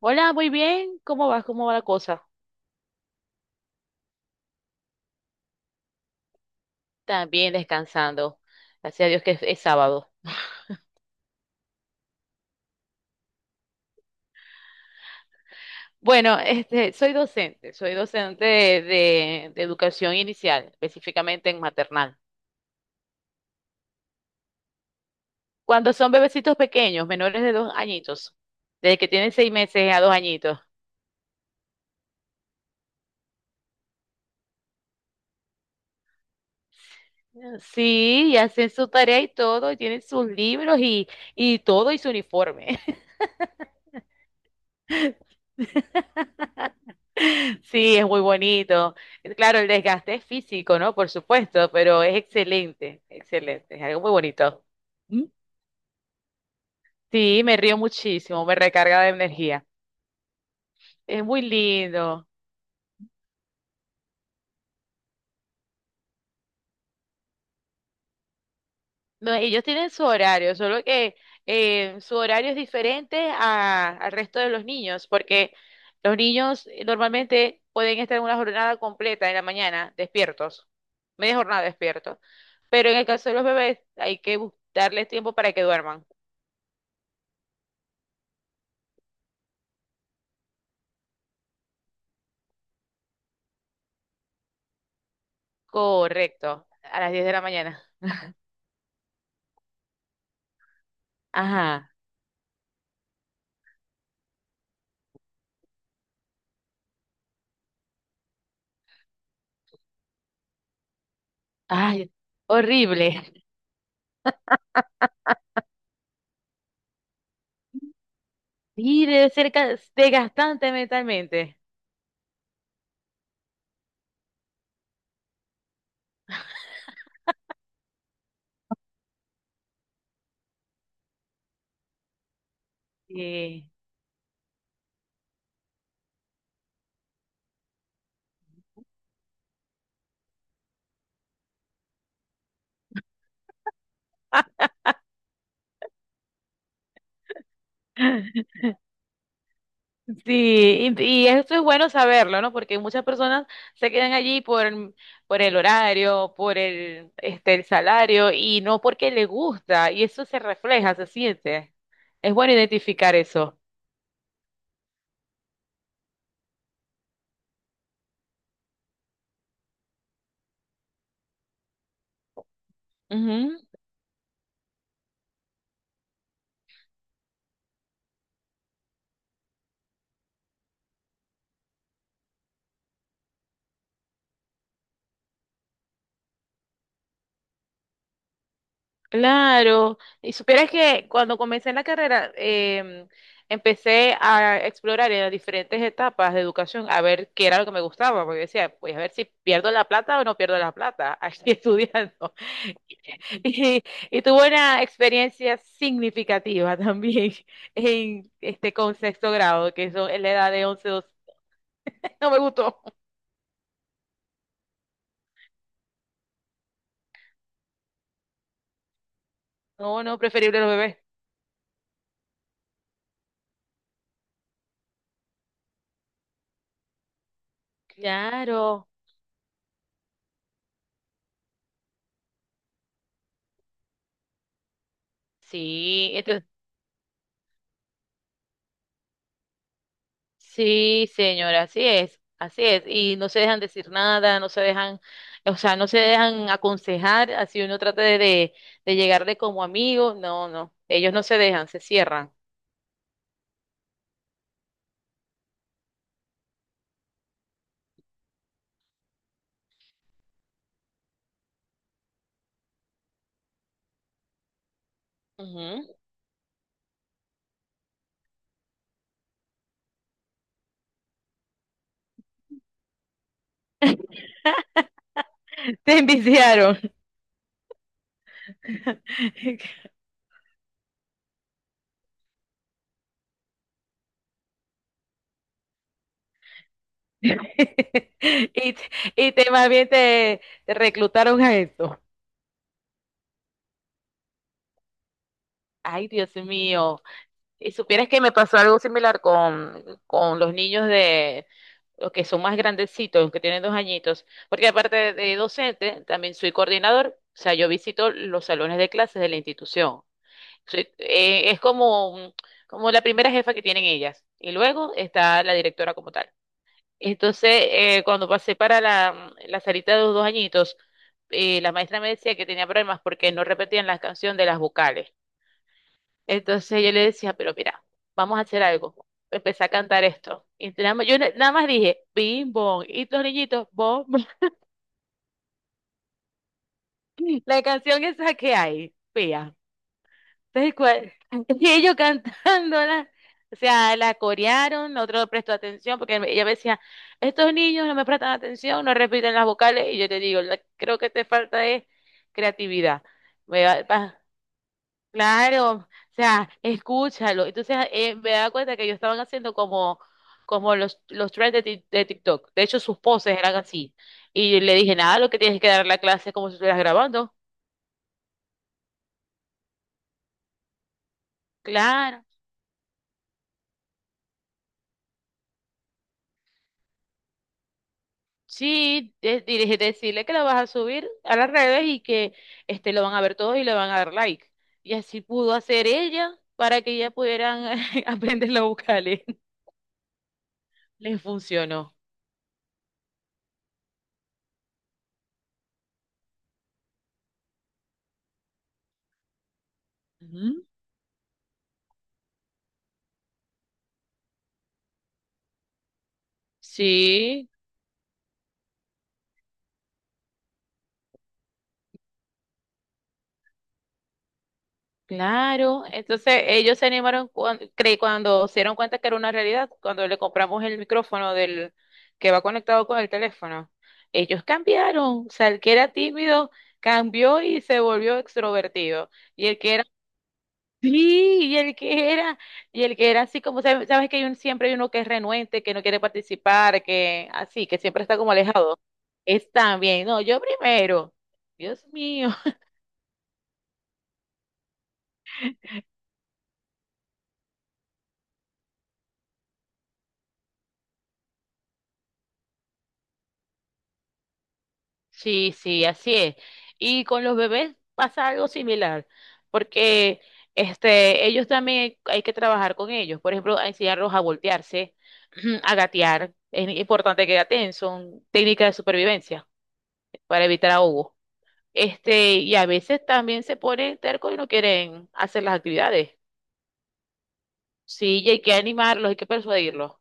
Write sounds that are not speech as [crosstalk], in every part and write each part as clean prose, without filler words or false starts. Hola, muy bien. ¿Cómo vas? ¿Cómo va la cosa? También descansando. Gracias a Dios que es sábado. Bueno, soy docente de educación inicial, específicamente en maternal. Cuando son bebecitos pequeños, menores de 2 añitos, desde que tienen 6 meses a 2 añitos. Sí, y hacen su tarea y todo, y tienen sus libros y todo y su uniforme. [laughs] Sí, es muy bonito. Claro, el desgaste es físico, ¿no? Por supuesto, pero es excelente, excelente, es algo muy bonito. ¿Mm? Sí, me río muchísimo, me recarga de energía. Es muy lindo. No, ellos tienen su horario, solo que su horario es diferente al resto de los niños, porque los niños normalmente pueden estar en una jornada completa en la mañana, despiertos, media jornada despiertos, pero en el caso de los bebés hay que darles tiempo para que duerman. Correcto, a las 10 de la mañana. Ajá. Ay, horrible. Y debe ser desgastante mentalmente. Sí. [laughs] Sí, y esto es bueno saberlo, ¿no? Porque muchas personas se quedan allí por el horario, por el salario y no porque le gusta. Y eso se refleja, se siente. Es bueno identificar eso. Claro, y supieras que cuando comencé en la carrera, empecé a explorar en las diferentes etapas de educación a ver qué era lo que me gustaba, porque decía, pues a ver si pierdo la plata o no pierdo la plata, aquí [laughs] estudiando. [laughs] Y, y tuve una experiencia significativa también [laughs] en este con sexto grado, que eso es la edad de 11, 12. [laughs] No me gustó. No, no, preferible los bebés. Claro. Sí, sí, señora, así es, así es. Y no se dejan decir nada, no se dejan, o sea, no se dejan aconsejar, así uno trata de llegarle como amigo. No, no, ellos no se dejan, se cierran. Ujú. Te enviciaron. [laughs] Y, te- y te más bien te reclutaron a esto. Ay, Dios mío. Y supieras que me pasó algo similar con los niños de los que son más grandecitos, los que tienen 2 añitos, porque aparte de docente, también soy coordinador, o sea, yo visito los salones de clases de la institución. Soy- eh, es como, un- como la primera jefa que tienen ellas, y luego está la directora como tal. Entonces, cuando pasé para la salita de los 2 añitos, la maestra me decía que tenía problemas porque no repetían la canción de las vocales. Entonces yo le decía, pero mira, vamos a hacer algo. Empecé a cantar esto. Nada más dije, bim, bom. Y los niñitos, bom, bom. [laughs] La canción esa que hay, pía. Tal cual. [laughs] Y ellos cantándola. O sea, la corearon, otro no prestó atención, porque ella me decía, estos niños no me prestan atención, no repiten las vocales. Y yo te digo, creo que te falta es creatividad. Me va, vas Claro, o sea, escúchalo. Entonces me da cuenta que ellos estaban haciendo como, los trends de TikTok. De hecho, sus poses eran así. Y le dije, nada, lo que tienes es que dar la clase es como si estuvieras grabando. Claro. Sí, decirle que la vas a subir a las redes y que lo van a ver todos y le van a dar like. Y así pudo hacer ella para que ya pudieran [laughs] aprender los vocales. Les [laughs] funcionó. Ujú. Sí. Claro, entonces ellos se animaron cuando se dieron cuenta que era una realidad, cuando le compramos el micrófono del que va conectado con el teléfono. Ellos cambiaron, o sea, el que era tímido cambió y se volvió extrovertido. Sí. Y el que era así como, sabes que hay siempre hay uno que es renuente, que no quiere participar, que así, que siempre está como alejado. Es también, no, yo primero. Dios mío. Sí, sí, así es. Y con los bebés pasa algo similar, porque ellos también hay que trabajar con ellos. Por ejemplo, a enseñarlos a voltearse, [clears throat] a gatear. Es importante que gateen, son técnicas de supervivencia para evitar ahogo. Y a veces también se ponen tercos y no quieren hacer las actividades. Sí, y hay que animarlos, hay que persuadirlos.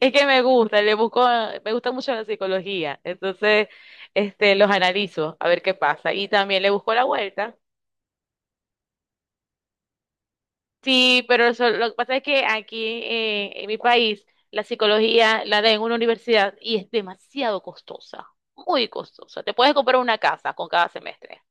Es que me gusta, le busco, me gusta mucho la psicología, entonces los analizo a ver qué pasa y también le busco la vuelta. Sí, pero lo que pasa es que aquí en mi país la psicología la da en una universidad y es demasiado costosa, muy costosa. Te puedes comprar una casa con cada semestre.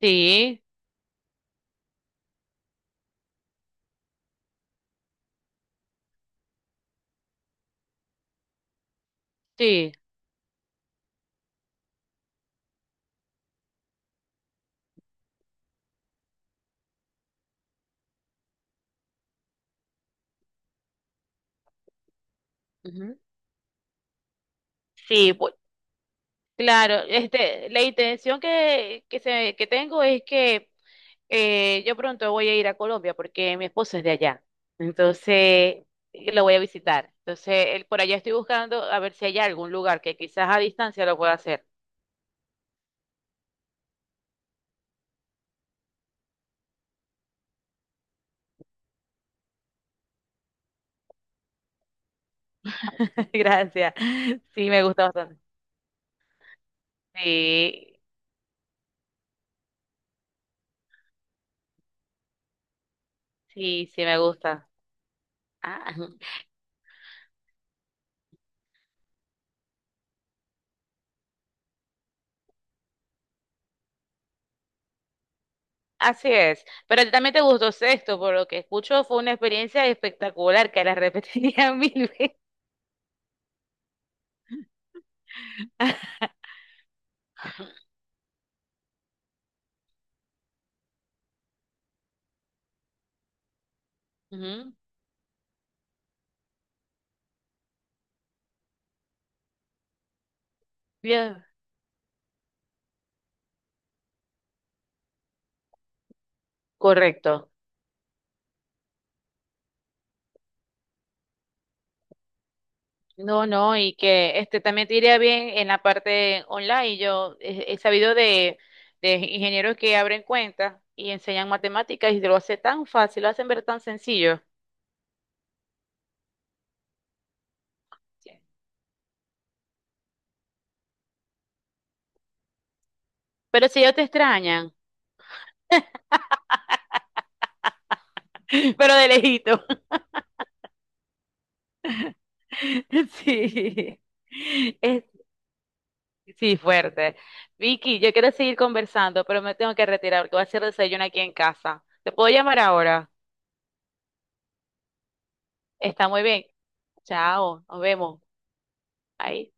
Sí, sí. Ujú. Sí, pues, claro, la intención que tengo es que yo pronto voy a ir a Colombia porque mi esposo es de allá. Entonces, lo voy a visitar. Entonces, él, por allá estoy buscando a ver si hay algún lugar que quizás a distancia lo pueda hacer. [laughs] Gracias. Sí, me gusta bastante. Sí, sí, sí, me gusta. Ah, así es. Pero también te gustó Sexto, por lo que escucho, fue una experiencia espectacular que la repetiría [laughs] mil veces. [laughs] Ujú. Bien, correcto. No, no, y que este también te iría bien en la parte online. Yo he sabido de ingenieros que abren cuentas y enseñan matemáticas y lo hace tan fácil, lo hacen ver tan sencillo. Sí. Pero si ellos te extrañan, [laughs] pero de lejito. [laughs] Sí. Es- sí, fuerte. Vicky, yo quiero seguir conversando, pero me tengo que retirar porque voy a hacer desayuno aquí en casa. ¿Te puedo llamar ahora? Está muy bien. Chao, nos vemos. Ahí.